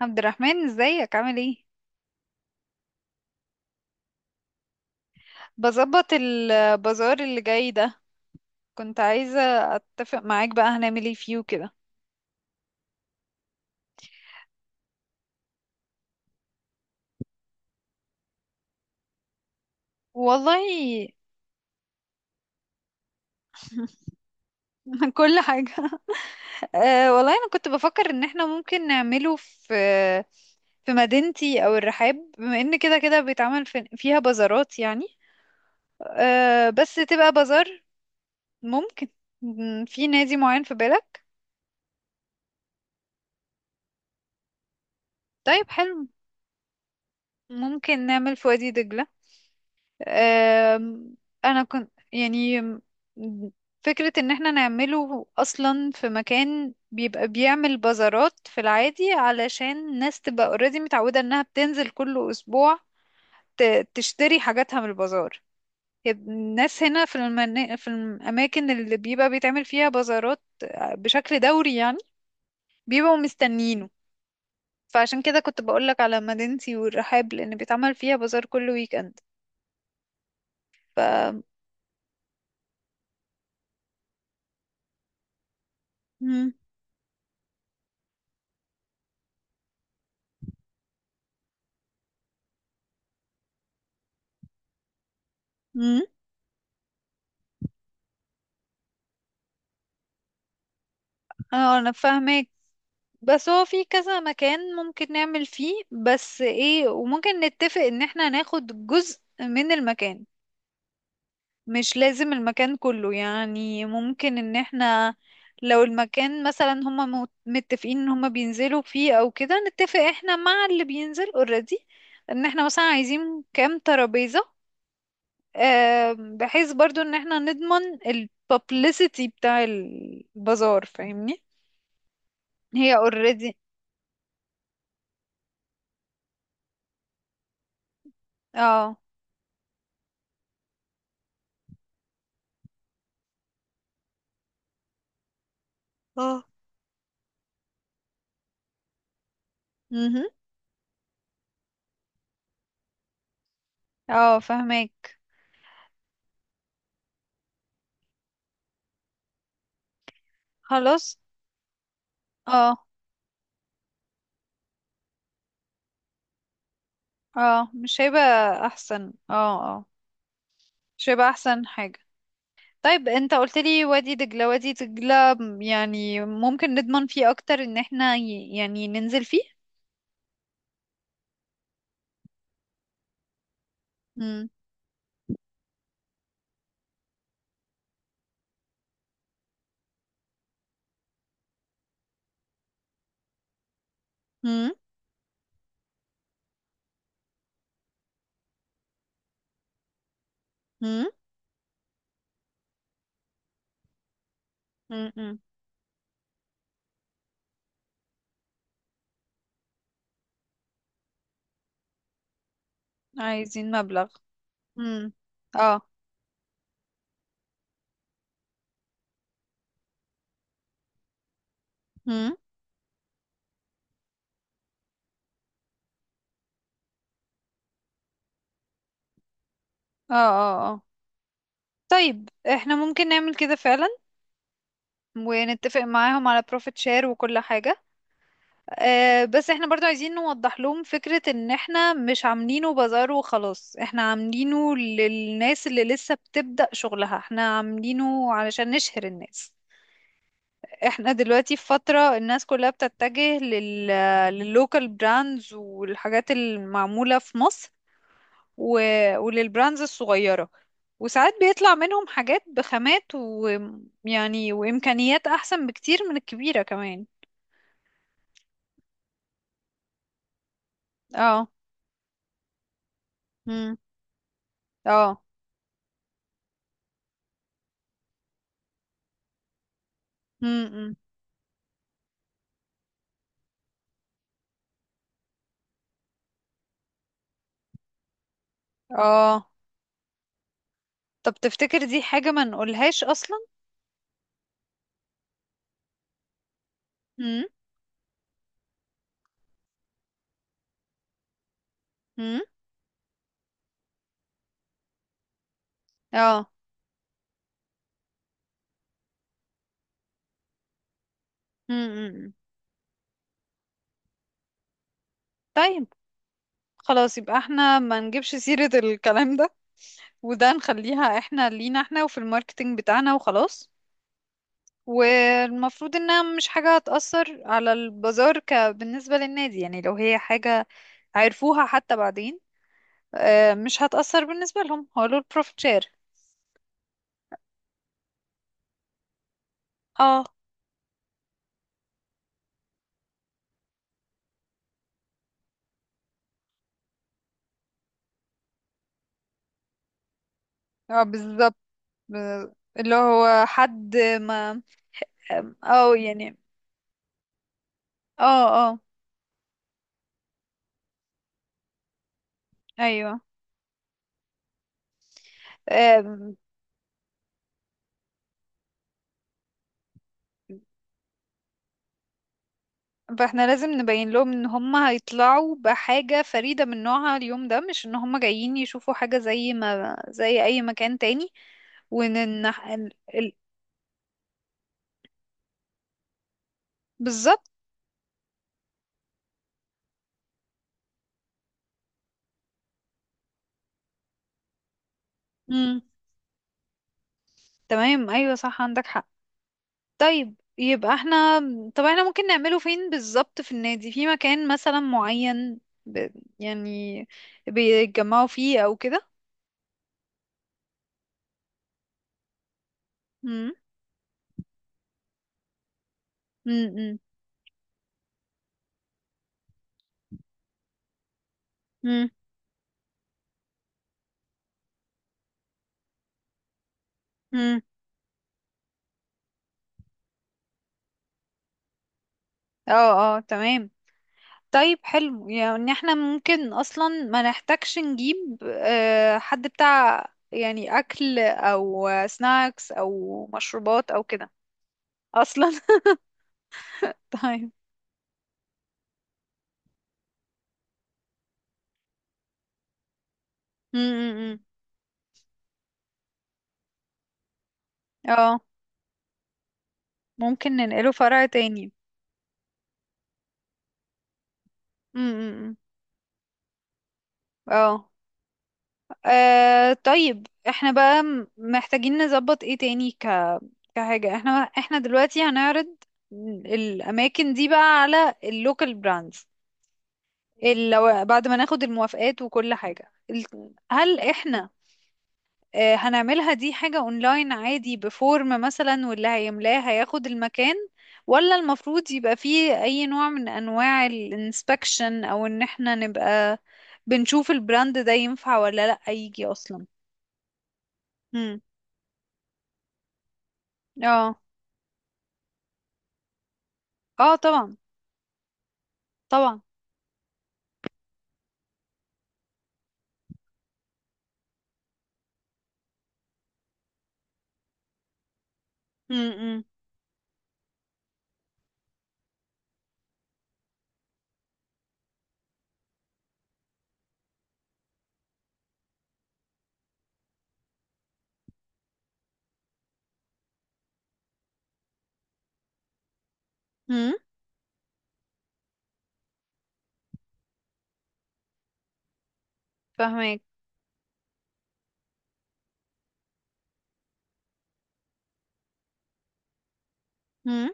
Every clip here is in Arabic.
عبد الرحمن، ازيك؟ عامل ايه؟ بظبط، البازار اللي جاي ده، كنت عايزة اتفق معاك بقى هنعمل ايه فيه كده. والله. كل حاجة. أه، والله انا كنت بفكر ان احنا ممكن نعمله في مدينتي او الرحاب، بما ان كده كده بيتعمل فيها بازارات يعني. أه، بس تبقى بازار. ممكن. في نادي معين في بالك؟ طيب، حلو. ممكن نعمل في وادي دجلة. آم، انا كنت يعني فكرة ان احنا نعمله اصلا في مكان بيبقى بيعمل بازارات في العادي علشان الناس تبقى اوريدي متعودة انها بتنزل كل اسبوع. تشتري حاجاتها من البازار. الناس هنا في الاماكن اللي بيبقى بيتعمل فيها بازارات بشكل دوري يعني، بيبقوا مستنينه. فعشان كده كنت بقولك على مدينتي والرحاب لان بيتعمل فيها بازار كل ويك اند. ف مم. مم. اه، انا فاهمك. بس هو في كذا مكان ممكن نعمل فيه بس ايه، وممكن نتفق ان احنا ناخد جزء من المكان، مش لازم المكان كله، يعني ممكن ان احنا لو المكان مثلا هما متفقين ان هما بينزلوا فيه او كده، نتفق احنا مع اللي بينزل اوريدي ان احنا مثلا عايزين كام ترابيزة، بحيث برضو ان احنا نضمن البابليسيتي بتاع البازار، فاهمني؟ هي اوريدي. اه، اه. مهم. اه، فهمك. خلاص. اه، اه، مش هيبقى احسن، اه. اه، مش هيبقى احسن حاجة. طيب، انت قلت لي وادي دجلة وادي دجلة، يعني ممكن نضمن فيه اكتر ان احنا يعني ننزل فيه. مم. مم. مم. مم. مم. عايزين مبلغ. مم. اه. مم. اه، اه، اه. طيب، احنا ممكن نعمل كده فعلا، ونتفق معاهم على بروفيت شير وكل حاجة. بس احنا برضو عايزين نوضح لهم فكرة ان احنا مش عاملينه بازار وخلاص، احنا عاملينه للناس اللي لسه بتبدأ شغلها، احنا عاملينه علشان نشهر الناس. احنا دلوقتي في فترة الناس كلها بتتجه لللوكال براندز والحاجات المعمولة في مصر، و... وللبراندز الصغيرة، وساعات بيطلع منهم حاجات بخامات، ويعني، وإمكانيات أحسن بكتير من الكبيرة كمان. اه. مم. اه. مم. اه. طب تفتكر دي حاجة ما نقولهاش اصلا؟ امم. امم. اه. امم. طيب، خلاص، يبقى احنا ما نجيبش سيرة الكلام ده، وده نخليها احنا لينا احنا وفي الماركتينج بتاعنا وخلاص. والمفروض انها مش حاجة هتأثر على البازار بالنسبة للنادي، يعني لو هي حاجة عرفوها حتى بعدين، مش هتأثر بالنسبة لهم، هو له البروفيت شير. اه، اه، بالظبط. ب- اللي هو حد ما، او يعني، اه، اه، ايوه. آم، فاحنا لازم نبين لهم ان هم هيطلعوا بحاجة فريدة من نوعها اليوم ده، مش ان هم جايين يشوفوا حاجة زي ما زي اي مكان تاني، وان إن ال... ال... بالظبط. مم. تمام، ايوه، صح، عندك حق. طيب، يبقى احنا، طب احنا ممكن نعمله فين بالظبط في النادي، في مكان مثلا معين، ب... يعني بيتجمعوا فيه او كده؟ مم. مم. مم. مم. مم. اه، اه، تمام. طيب، حلو، يعني احنا ممكن اصلا ما نحتاجش نجيب حد بتاع يعني اكل او سناكس او مشروبات او كده. اصلا. طيب. م- م- م. اه. ممكن ننقله فرع تاني. م- م- م. اه. طيب، احنا بقى محتاجين نظبط ايه تاني كحاجة، احنا دلوقتي هنعرض الاماكن دي بقى على اللوكال براندز، لو بعد ما ناخد الموافقات وكل حاجة هل احنا هنعملها دي حاجة اونلاين عادي بفورم مثلا، واللي هيملاه هياخد المكان؟ ولا المفروض يبقى فيه اي نوع من انواع الانسبكشن، او ان احنا نبقى بنشوف البراند ده ينفع ولا لا يجي اصلا؟ امم. اه، اه، طبعا، طبعا. امم. امم. فاهمك. امم.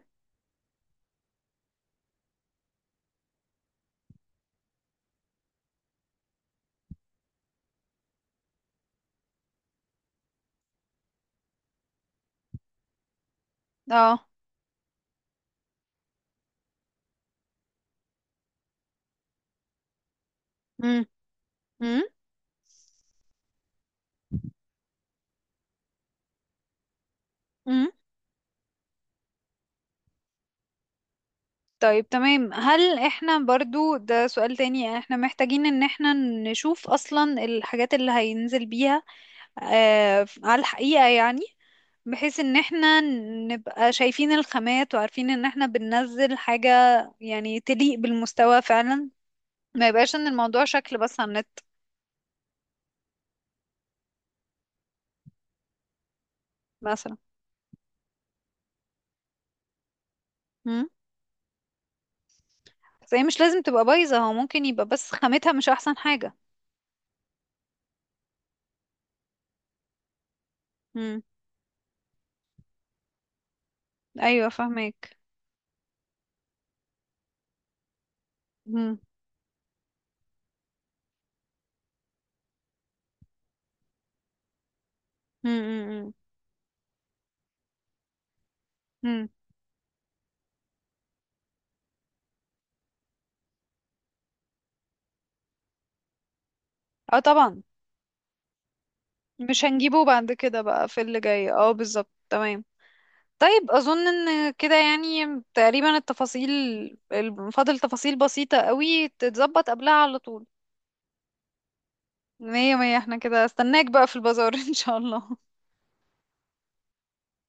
اه. امم. امم. طيب، تمام. هل احنا برضو، ده سؤال تاني، يعني احنا محتاجين ان احنا نشوف اصلا الحاجات اللي هينزل بيها على الحقيقة يعني، بحيث ان احنا نبقى شايفين الخامات وعارفين ان احنا بننزل حاجة يعني تليق بالمستوى فعلا، ما يبقاش ان الموضوع شكل بس على النت؟ مثلا. امم. بس هي مش لازم تبقى بايظة، هو ممكن يبقى بس خامتها مش احسن حاجة. امم. ايوه، فاهمك. امم. امم. امم. اه، طبعا. مش هنجيبه بعد كده بقى في اللي جاي، اه، بالظبط، تمام. طيب، اظن ان كده يعني تقريبا التفاصيل، فاضل تفاصيل بسيطة قوي تتظبط قبلها على طول. مية مية. احنا كده استناك بقى في البازار. ان شاء الله.